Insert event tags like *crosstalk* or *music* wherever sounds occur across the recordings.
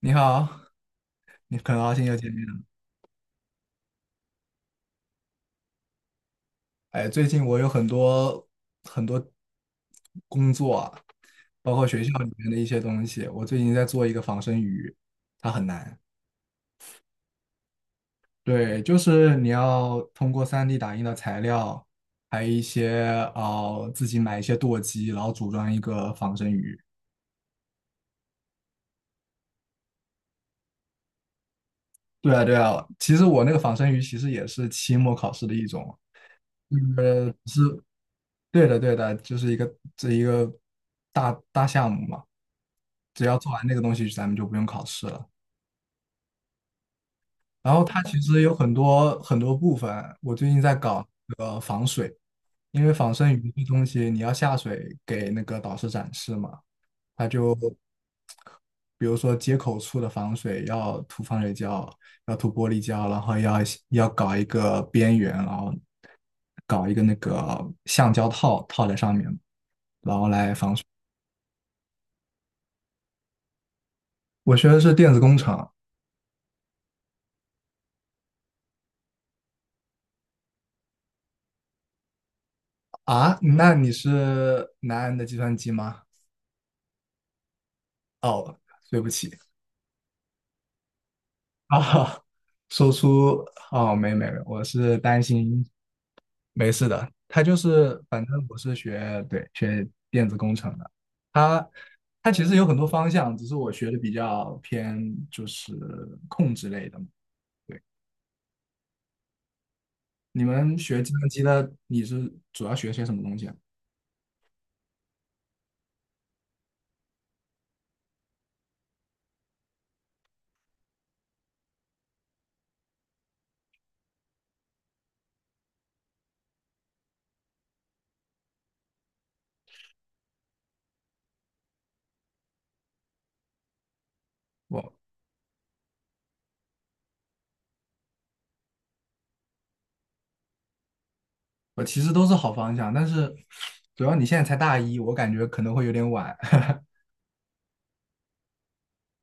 你好，你很高兴又见面了。哎，最近我有很多很多工作啊，包括学校里面的一些东西。我最近在做一个仿生鱼，它很难。对，就是你要通过三 d 打印的材料，还有一些自己买一些舵机，然后组装一个仿生鱼。对啊，对啊。其实我那个仿生鱼其实也是期末考试的一种。呃，是对的，对的，就是这一个大大项目嘛。只要做完那个东西，咱们就不用考试了。然后它其实有很多很多部分，我最近在搞那个防水，因为仿生鱼这东西你要下水给那个导师展示嘛，他就比如说接口处的防水要涂防水胶，要涂玻璃胶，然后要搞一个边缘，然后搞一个那个橡胶套套在上面，然后来防水。我学的是电子工程。啊，那你是南安的计算机吗？哦，对不起啊，说出哦，没没没，我是担心，没事的。他就是，反正我是学电子工程的，他他其实有很多方向，只是我学的比较偏就是控制类的嘛。对，你们学计算机的，你是主要学些什么东西啊？我我其实都是好方向，但是主要你现在才大一，我感觉可能会有点晚。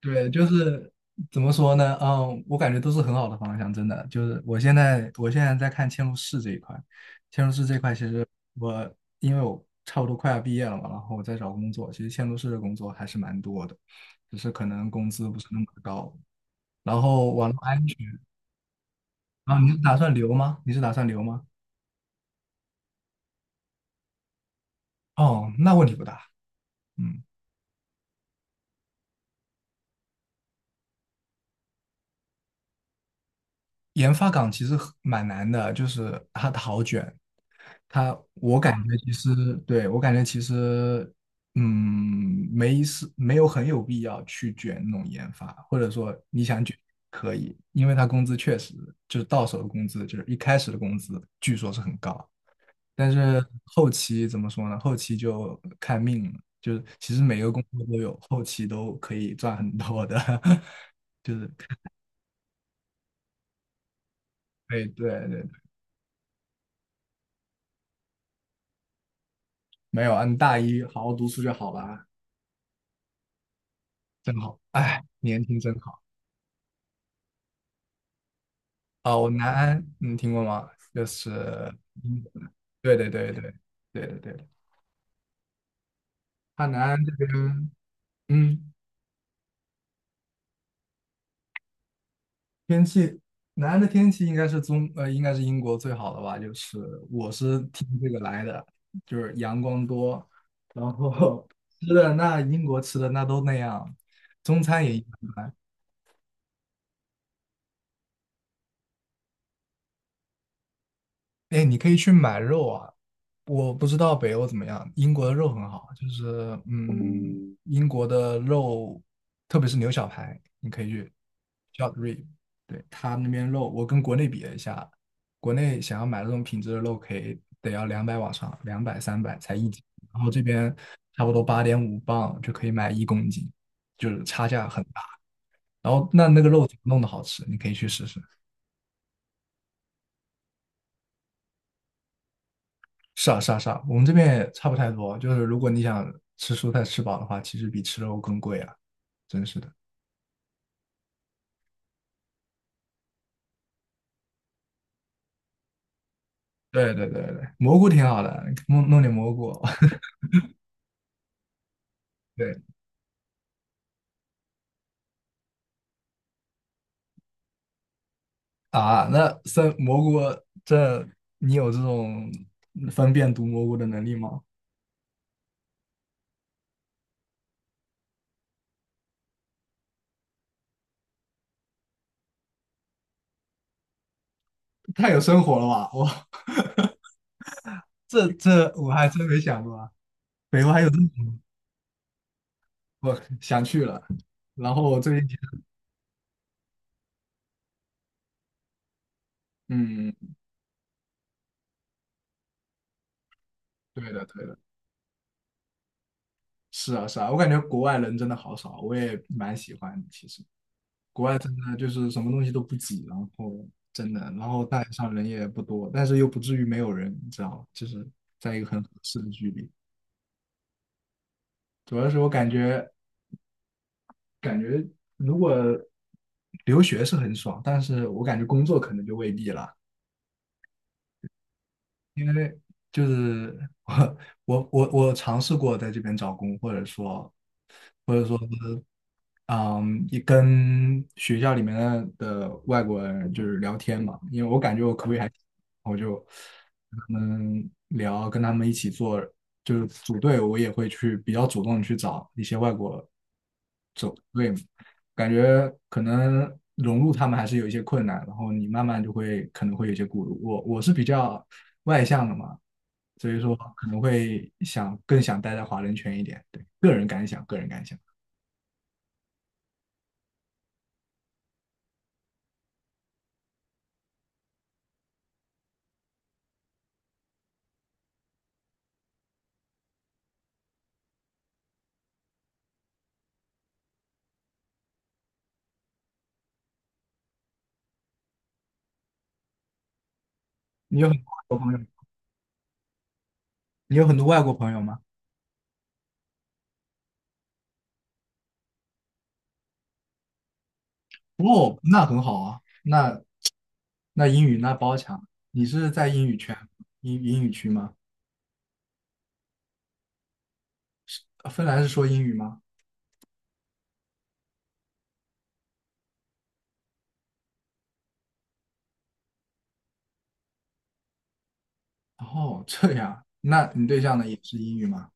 对，就是怎么说呢？嗯，我感觉都是很好的方向，真的。就是我现在在看嵌入式这一块，嵌入式这一块，其实因为我差不多快要毕业了嘛，然后我在找工作，其实嵌入式的工作还是蛮多的，只是可能工资不是那么高。然后网络安全，啊，你是打算留吗？你是打算留吗？哦，那问题不大。嗯，研发岗其实很蛮难的，就是它好卷，它我感觉其实对我感觉其实没有很有必要去卷那种研发，或者说你想卷可以，因为它工资确实就是到手的工资，就是一开始的工资据说是很高，但是后期怎么说呢？后期就看命了，就是其实每个工作都有后期都可以赚很多的，*laughs* 就是对对对。没有啊，你大一好好读书就好了，真好。哎，年轻真好。哦，南安，你听过吗？就是英国的，对对对对对对看南安这边。嗯，天气，南安的天气应该是英国最好的吧。就是我是听这个来的，就是阳光多，然后 *laughs* 吃的那英国吃的那都那样，中餐也一般。哎，你可以去买肉啊。我不知道北欧怎么样，英国的肉很好，就是英国的肉，特别是牛小排，你可以去 short rib,对，他那边肉，我跟国内比了一下，国内想要买这种品质的肉，可以得要两百往上，200-300才1斤，然后这边差不多8.5磅就可以买1公斤，就是差价很大。然后那个肉怎么弄的好吃，你可以去试试。是啊，是啊，是啊，我们这边也差不太多。就是如果你想吃蔬菜吃饱的话，其实比吃肉更贵啊，真是的。对对对对，蘑菇挺好的，弄弄点蘑菇。*laughs* 对啊，那生蘑菇这你有这种分辨毒蘑菇的能力吗？太有生活了吧！我 *laughs* 我还真没想过啊，北欧还有这种，我想去了。然后我最近觉得，嗯，对的对的，是啊是啊，我感觉国外人真的好少，我也蛮喜欢的其实。国外真的就是什么东西都不挤，然后真的，大街上人也不多，但是又不至于没有人，你知道吗，就是在一个很合适的距离。主要是我感觉，感觉如果留学是很爽，但是我感觉工作可能就未必了，因为就是我我尝试过在这边找工，或者说。或者说。嗯，也跟学校里面的外国人就是聊天嘛，因为我感觉我口语还行，我就跟他们聊，跟他们一起做，就是组队，我也会去比较主动地去找一些外国组队嘛，感觉可能融入他们还是有一些困难，然后你慢慢就会可能会有一些顾虑。我是比较外向的嘛，所以说可能会更想待在华人圈一点，对，个人感想，个人感想。你有很多朋友。你有很多外国朋友吗？哦，那很好啊，那英语那包强。你是在英语圈、英语区吗？芬兰是说英语吗？哦，这样，那你对象呢也是英语吗？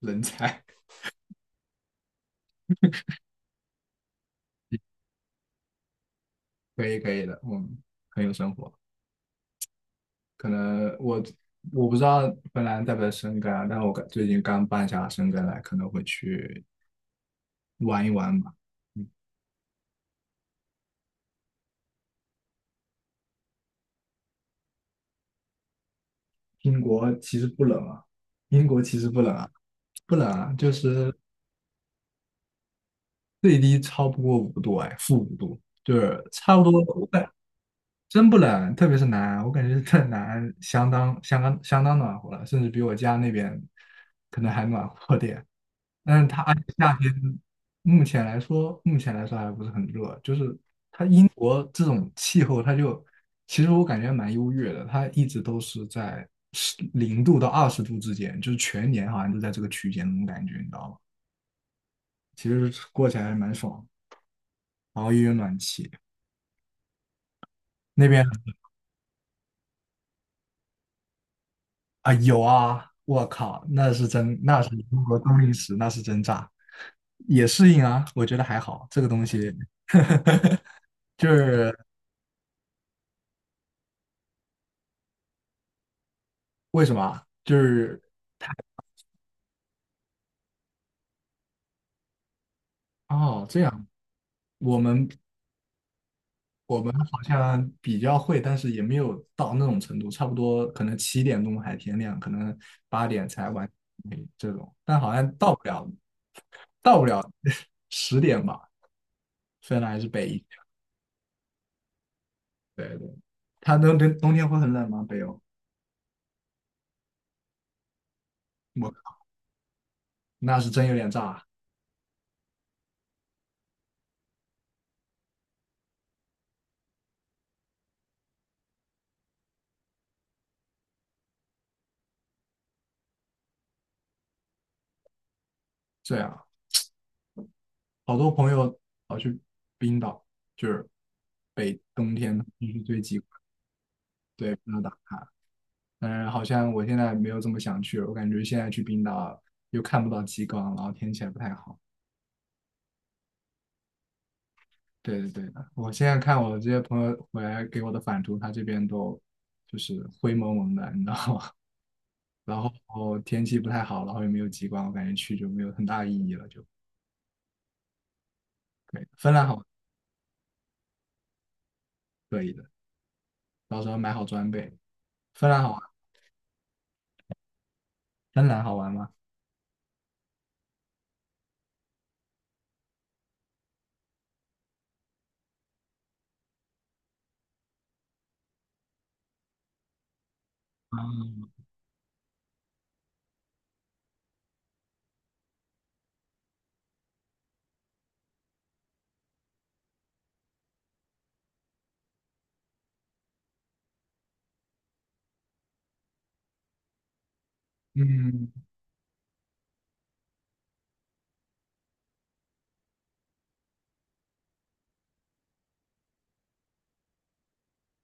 人才，*laughs* 可以可以的，我们很有生活。可能我不知道芬兰在不在申根啊，但我最近刚办下申根来，可能会去玩一玩吧。嗯英国其实不冷啊，英国其实不冷啊，不冷啊，就是最低超不过五度，哎，-5度，就是差不多。我感真不冷，特别是南安我感觉在南安相当相当相当暖和了，甚至比我家那边可能还暖和点。但是它而且夏天目前来说还不是很热，就是它英国这种气候，它就其实我感觉蛮优越的，它一直都是在零度到20度之间，就是全年好像都在这个区间那种感觉，你知道吗？其实过起来还蛮爽的。然后又有暖气。那边啊有啊，我靠，那是中国冬令时，那是真炸，也适应啊，我觉得还好，这个东西 *laughs* 就是为什么啊就是哦这样，我们我们好像比较会，但是也没有到那种程度，差不多可能7点钟还天亮，可能八点才完这种，但好像到不了，到不了 *laughs* 10点吧，虽然还是北一。对对，它冬天会很冷吗？北欧，我靠那是真有点炸。这样，好多朋友跑去冰岛，就是北冬天必须最极光，对，不能打。当然，好像我现在没有这么想去了。我感觉现在去冰岛又看不到极光，然后天气也不太好。对对对，我现在看我这些朋友回来给我的返图，他这边都就是灰蒙蒙的，你知道吗？*laughs* 然后天气不太好，然后也没有极光，我感觉去就没有很大意义了，就对。芬兰好。可以的，到时候买好装备。芬兰好玩，芬兰好玩吗？嗯，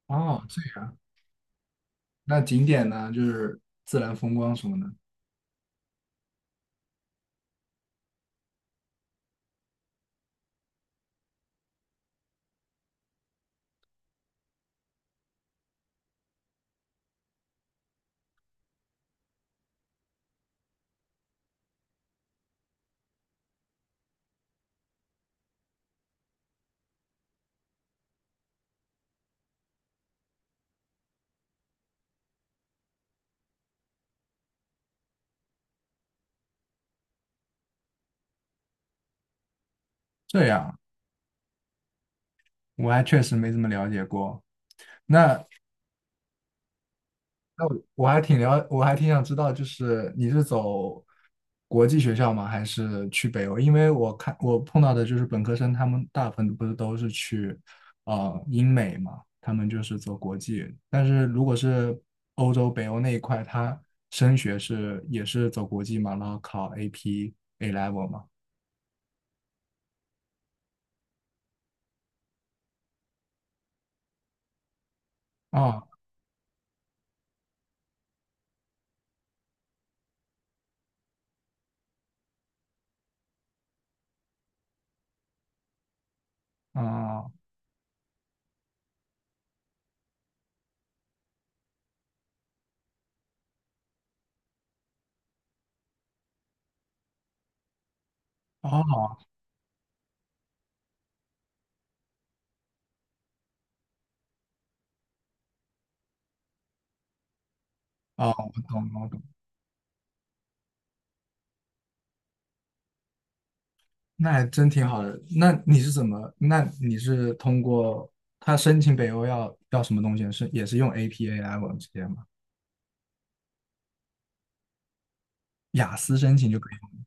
哦，这样。那景点呢，就是自然风光什么的。这样，我还确实没怎么了解过。我还挺想知道，就是你是走国际学校吗？还是去北欧？因为我看我碰到的就是本科生，他们大部分不是都是去英美嘛，他们就是走国际。但是如果是欧洲北欧那一块，他升学也是走国际嘛，然后考 AP A level 嘛。哦，哦，哦，哦，我懂了，我懂了。那还真挺好的。那你是怎么？那你是通过他申请北欧要什么东西？是也是用 APA 来往们直接吗？雅思申请就可以吗？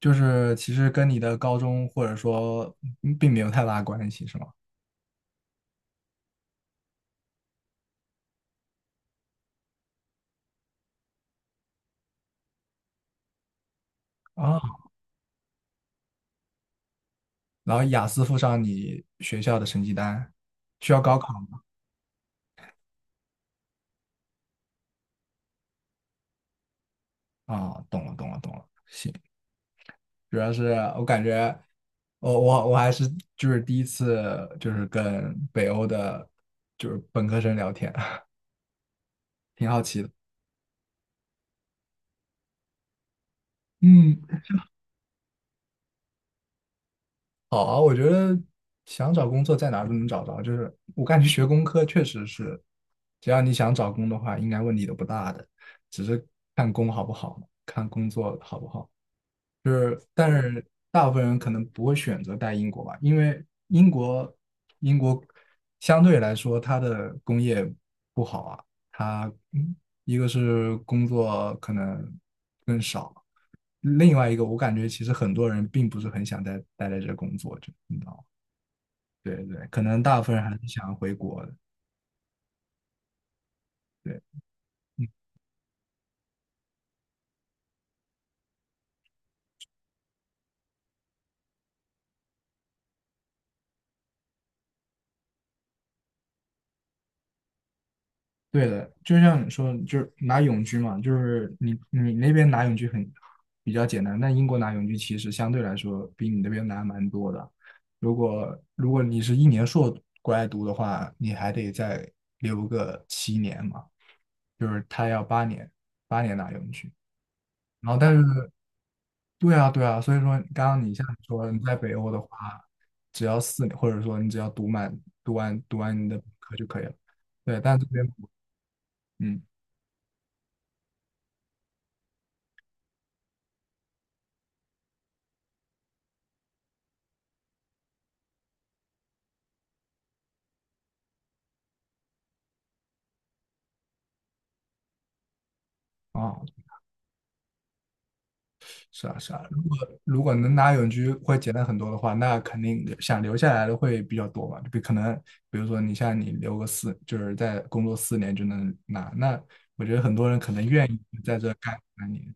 就是其实跟你的高中或者说并没有太大关系，是吗？啊，然后雅思附上你学校的成绩单，需要高考吗？啊，懂了，懂了，懂了。行，主要是我感觉我还是就是第一次就是跟北欧的，就是本科生聊天，*laughs* 挺好奇的。嗯，好啊，我觉得想找工作在哪儿都能找着，就是我感觉学工科确实是，只要你想找工的话，应该问题都不大的，只是看工好不好，看工作好不好。就是，但是大部分人可能不会选择待英国吧，因为英国英国相对来说它的工业不好啊，它一个是工作可能更少，另外一个我感觉其实很多人并不是很想待在这工作，就你知道吗？对对，可能大部分人还是想回国的。对。对的，就像你说，就是拿永居嘛，就是你那边拿永居比较简单，但英国拿永居其实相对来说比你那边难蛮多的。如果你是一年硕过来读的话，你还得再留个七年嘛，就是他要八年，八年拿永居。然后但是，对啊对啊，所以说刚刚你像你说你在北欧的话，只要四年，或者说你只要读完你的本科就可以了。对，但这边嗯。啊，是啊，是啊，如果能拿永居会简单很多的话，那肯定想留下来的会比较多嘛。可能，比如说你像你留个四，就是在工作四年就能拿，那我觉得很多人可能愿意在这干三年。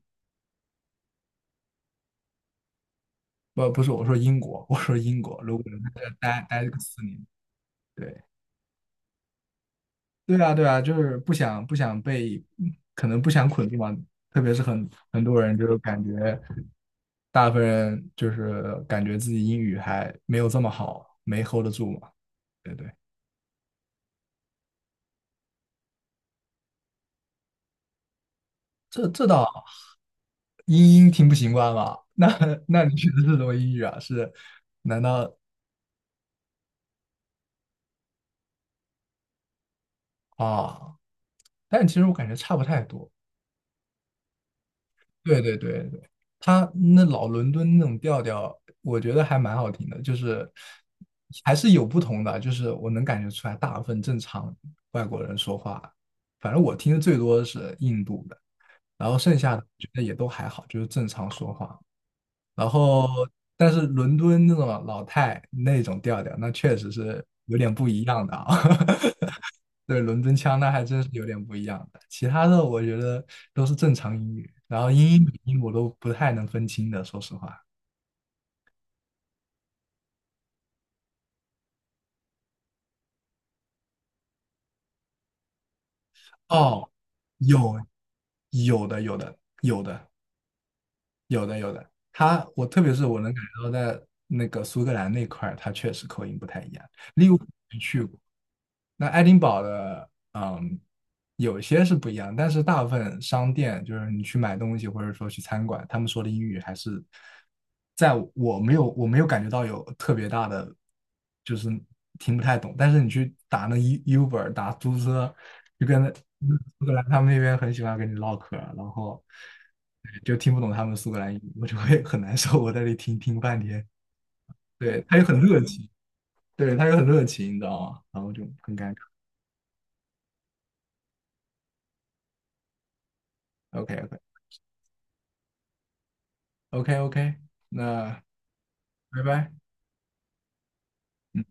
不，不是我说英国，*laughs* 我说英国，如果能在这待个四年，对，对啊，对啊，就是不想被，可能不想捆住嘛。特别是很多人就是感觉，大部分人就是感觉自己英语还没有这么好，没 hold 得住嘛。对对，这倒英听不习惯吧？那 *laughs* 那你学的是什么英语啊？是难道啊？但其实我感觉差不太多。对对对对，他那老伦敦那种调调，我觉得还蛮好听的，就是还是有不同的，就是我能感觉出来，大部分正常外国人说话，反正我听的最多的是印度的，然后剩下的我觉得也都还好，就是正常说话。然后但是伦敦那种老太那种调调，那确实是有点不一样的啊。*laughs* 对，伦敦腔那还真是有点不一样的。其他的我觉得都是正常英语，然后英英语音我都不太能分清的，说实话。哦，有，有的，有的，有的，有的，有的。我特别是我能感觉到在那个苏格兰那块儿，他确实口音不太一样。利物浦没去过，那爱丁堡的嗯，有些是不一样，但是大部分商店就是你去买东西或者说去餐馆，他们说的英语还是在我没有感觉到有特别大的，就是听不太懂。但是你去打那 Uber 打出租车，就跟那苏格兰他们那边很喜欢跟你唠嗑儿，然后就听不懂他们苏格兰语，我就会很难受。我在那里听听半天，对，他又很热情，对，他又很热情，你知道吗？然后就很尴尬。OK OK，OK OK，那拜拜。嗯。